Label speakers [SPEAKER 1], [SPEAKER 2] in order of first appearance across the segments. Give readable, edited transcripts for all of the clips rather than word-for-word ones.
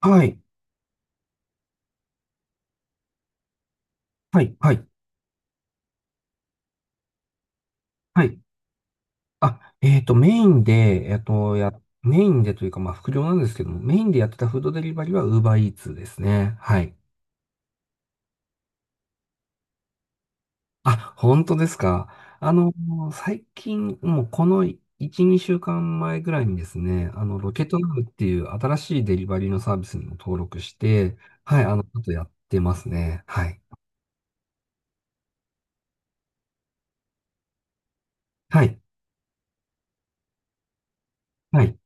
[SPEAKER 1] はい、はい、はい、はい。あ、えっと、メインで、えっと、や、メインでというか、まあ、副業なんですけども、メインでやってたフードデリバリーは Uber Eats ですね。はい。あ、本当ですか。あの、最近、もうこの1、2週間前ぐらいにですね、ロケットナウっていう新しいデリバリーのサービスにも登録して、はい、ちょっとやってますね。はい。はい、はい。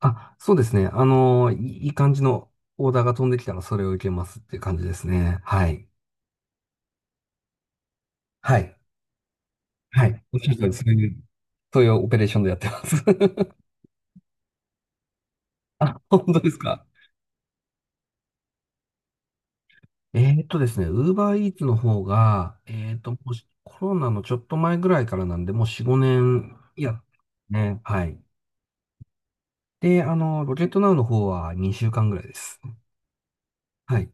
[SPEAKER 1] あ、そうですね。あの、いい感じのオーダーが飛んできたらそれを受けますっていう感じですね。はい。はい。はい。おっしゃる通り、そういうオペレーションでやってます。あ、本当ですか。ですね、ウーバーイーツの方が、えーっと、もうしコロナのちょっと前ぐらいからなんで、もう4、5年やってますね。はい。で、あの、ロケットナウの方は2週間ぐらいです。はい。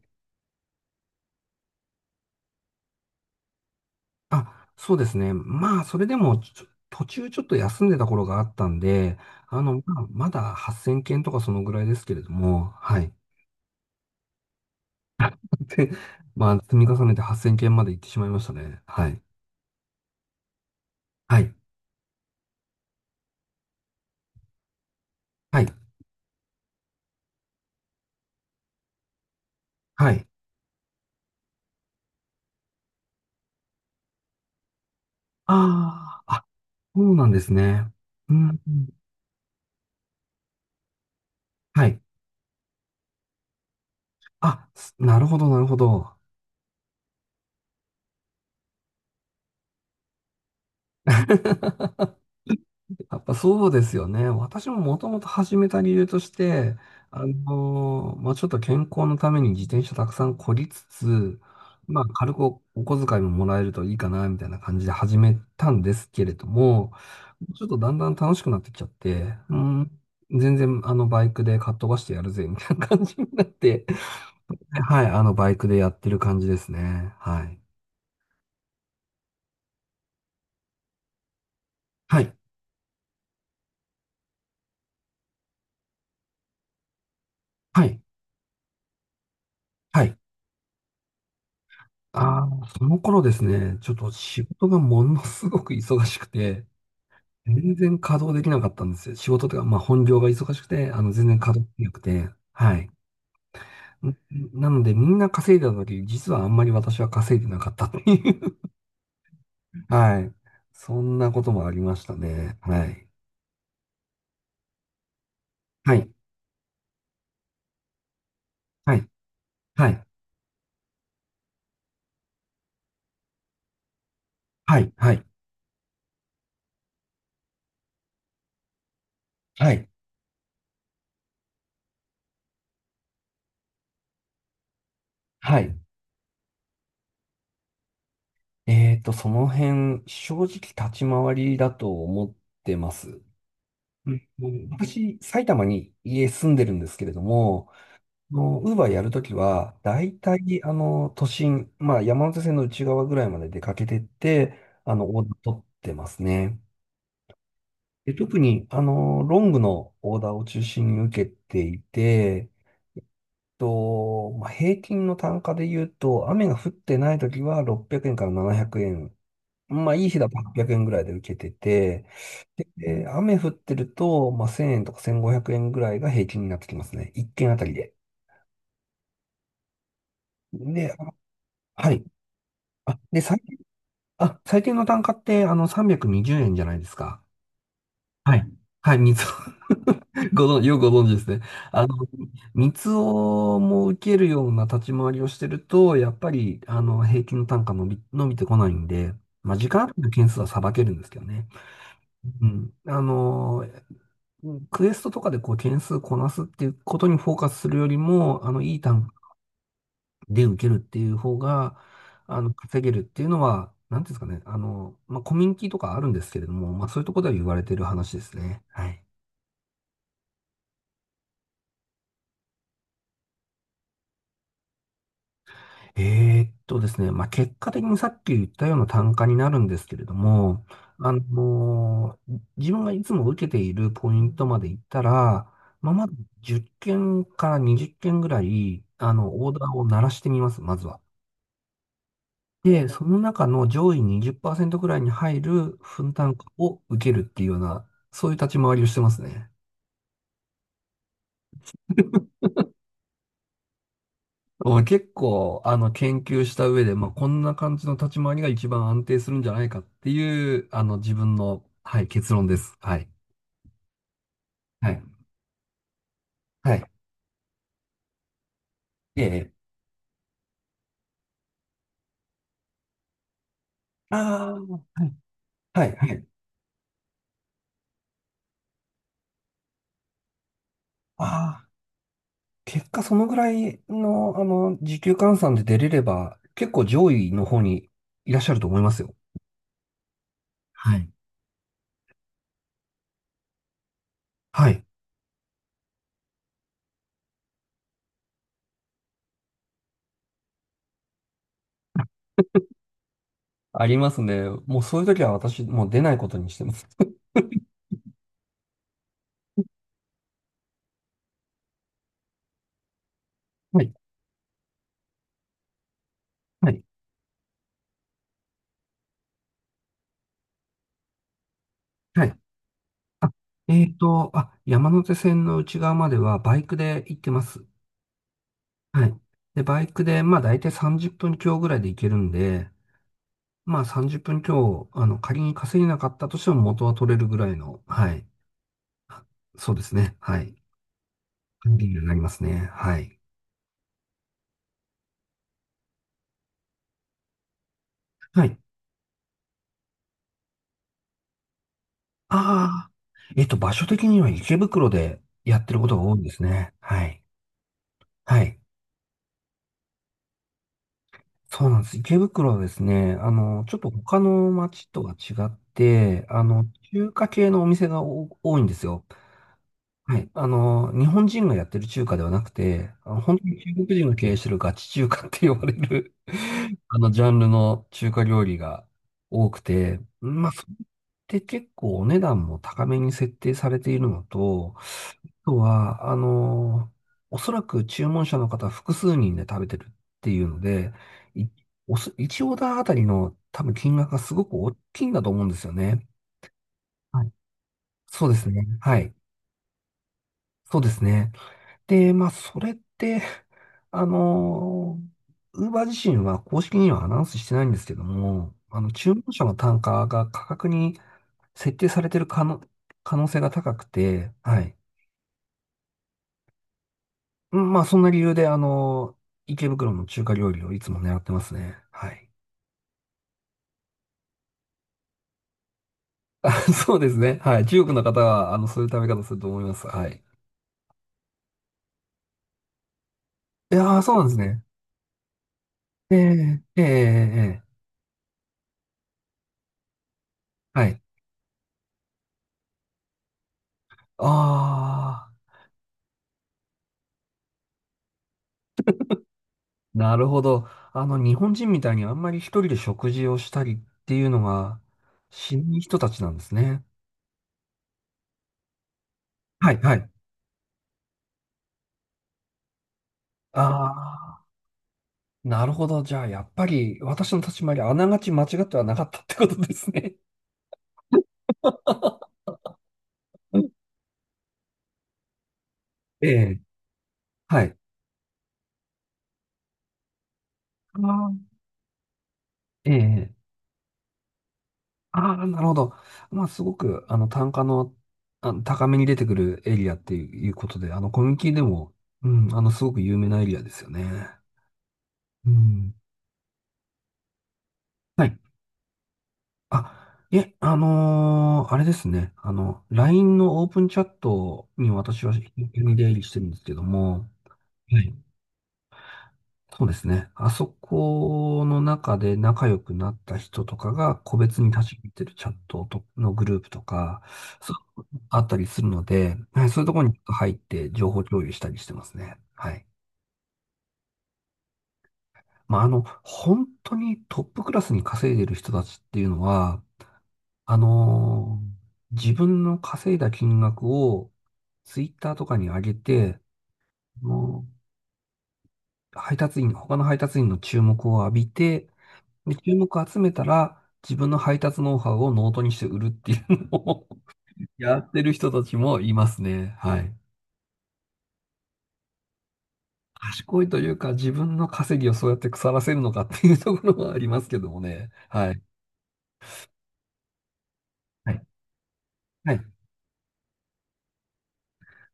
[SPEAKER 1] あ、そうですね。まあ、それでも、途中ちょっと休んでた頃があったんで、あの、まあ、まだ8000件とかそのぐらいですけれども、はい。で、まあ、積み重ねて8000件まで行ってしまいましたね。はい。はい。はい。はい。ああ、あ、そうなんですね。うん。うん。はい。あ、なるほど、なるほど。やっぱそうですよね。私ももともと始めた理由として、まあ、ちょっと健康のために自転車たくさんこりつつ、まあ、軽くお小遣いももらえるといいかな、みたいな感じで始めたんですけれども、ちょっとだんだん楽しくなってきちゃって、うん、全然あのバイクでかっ飛ばしてやるぜ、みたいな感じになって、はい、あのバイクでやってる感じですね。はい。はい。はい。はい。ああ、その頃ですね、ちょっと仕事がものすごく忙しくて、全然稼働できなかったんですよ。仕事というか、まあ本業が忙しくて、あの、全然稼働できなくて、はい。んなので、みんな稼いだ時、実はあんまり私は稼いでなかったっていう はい。そんなこともありましたね。はい。はい。はい。はい。はい。はい。はい。はい。その辺、正直立ち回りだと思ってます。うん。うん。私、埼玉に家住んでるんですけれども、ウーバーやるときは、だいたい、あの、都心、まあ、山手線の内側ぐらいまで出かけてって、あの、オーダー取ってますね。で、特に、あの、ロングのオーダーを中心に受けていて、と、まあ、平均の単価で言うと、雨が降ってないときは600円から700円、まあ、いい日だと800円ぐらいで受けてて、で、えー雨降ってると、まあ、1000円とか1500円ぐらいが平均になってきますね。1件あたりで。で、あ、はい。あ、で、最低、あ、最低の単価って、あの、320円じゅうえんじゃないですか。はい。はい、三つお。 ご存知、よくご存知ですね。あの、三つおも受けるような立ち回りをしてると、やっぱり、あの、平均の単価伸びてこないんで、まあ、時間ある件数はさばけるんですけどね。うん。あの、うん、クエストとかでこう件数こなすっていうことにフォーカスするよりも、あの、いい単価で受けるっていう方が、あの、稼げるっていうのは、なんていうんですかね、あの、まあ、コミュニティとかあるんですけれども、まあ、そういうところでは言われてる話ですね。はい。ですね、まあ、結果的にさっき言ったような単価になるんですけれども、あの、自分がいつも受けているポイントまで行ったら、まあ、まず10件から20件ぐらい、あの、オーダーを鳴らしてみます、まずは。で、その中の上位20%くらいに入る分担を受けるっていうような、そういう立ち回りをしてますね。ま結構、あの、研究した上で、まあ、こんな感じの立ち回りが一番安定するんじゃないかっていう、あの、自分の、はい、結論です。はい。はい。はい。ええ。ああ、はい。はい。はい。ああ、結果そのぐらいの、あの、時給換算で出れれば、結構上位の方にいらっしゃると思いますよ。はい。はい。ありますね。もうそういう時は私、もう出ないことにしてます。はい。はい。はい。えっと、あ、山手線の内側まではバイクで行ってます。はい。で、バイクで、まあ大体30分強ぐらいで行けるんで、まあ30分強、あの、仮に稼げなかったとしても元は取れるぐらいの、はい。あ、そうですね。はい。リールになりますね。はい。はい。ああ。えっと、場所的には池袋でやってることが多いですね。はい。はい。そうなんです。池袋はですね、あの、ちょっと他の街とは違って、あの、中華系のお店が多いんですよ。はい。あの、日本人がやってる中華ではなくて、あ、本当に中国人が経営してるガチ中華って呼ばれる あの、ジャンルの中華料理が多くて、まあ、それって結構お値段も高めに設定されているのと、あとは、あの、おそらく注文者の方複数人で食べてるっていうので、いおそ、1オーダーあたりの多分金額がすごく大きいんだと思うんですよね。はい、そうですね。はい。そうですね。で、まあ、それって、あの、ウーバー自身は公式にはアナウンスしてないんですけども、あの、注文者の単価が価格に設定されてる可能性が高くて、はい。うん、まあ、そんな理由で、あの、池袋の中華料理をいつも狙ってますね。はい。あ、そうですね。はい。中国の方は、あの、そういう食べ方すると思います。はい。いやー、そうなんですね。ええええええええ。はい。ああ。なるほど。あの、日本人みたいにあんまり一人で食事をしたりっていうのがしない人たちなんですね。はい、はい。ああ、なるほど。じゃあ、やっぱり私の立ち回り、あながち間違ってはなかったってことですね。うん。ええ、はい。あー、ええ、ああ、なるほど。まあ、すごく、あの、単価の、あの、高めに出てくるエリアっていうことで、あの、コミュニティでも、うん、あの、すごく有名なエリアですよね。うん。はい。あ、いえ、あのーあれですね。あの、LINE のオープンチャットに私は頻繁に出入りしてるんですけども、はい。そうですね。あそこの中で仲良くなった人とかが個別に立ち入ってるチャットとのグループとか、そう、あったりするので、はい、そういうところに入って情報共有したりしてますね。はい。まあ、あの、本当にトップクラスに稼いでる人たちっていうのは、あのー自分の稼いだ金額をツイッターとかに上げて、もう配達員、他の配達員の注目を浴びて、で、注目を集めたら自分の配達ノウハウをノートにして売るっていうのを やってる人たちもいますね。はい。賢いというか自分の稼ぎをそうやって腐らせるのかっていうところはありますけどもね。はい。はい。はい。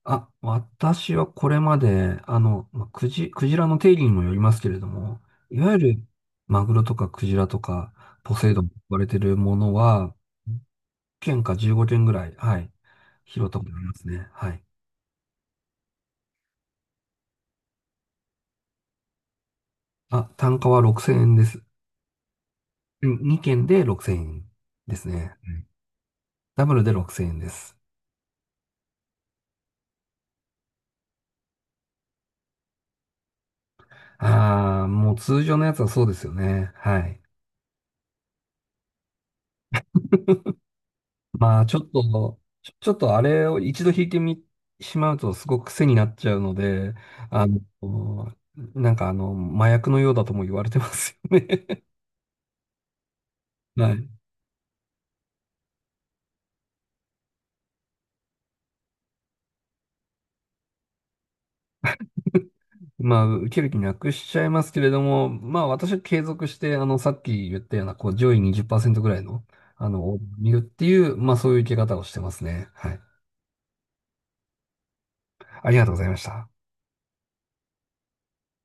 [SPEAKER 1] あ、私はこれまで、あの、まあ、クジラの定義にもよりますけれども、いわゆるマグロとかクジラとかポセイドンと呼ばれてるものは、1件か15件ぐらい、はい、拾ったことありますね。はい。あ、単価は6000円です。2件で6000円ですね。うん。ダブルで6000円です。ああ、もう通常のやつはそうですよね。はい。まあ、ちょっと、ちょっとあれを一度弾いてみ、しまうとすごく癖になっちゃうので、あの、なんかあの、麻薬のようだとも言われてますよね。はい。まあ、受ける気なくしちゃいますけれども、まあ、私は継続して、あの、さっき言ったような、こう、上位20%ぐらいの、あの、を見るっていう、まあ、そういう受け方をしてますね。はい。ありがとうございました。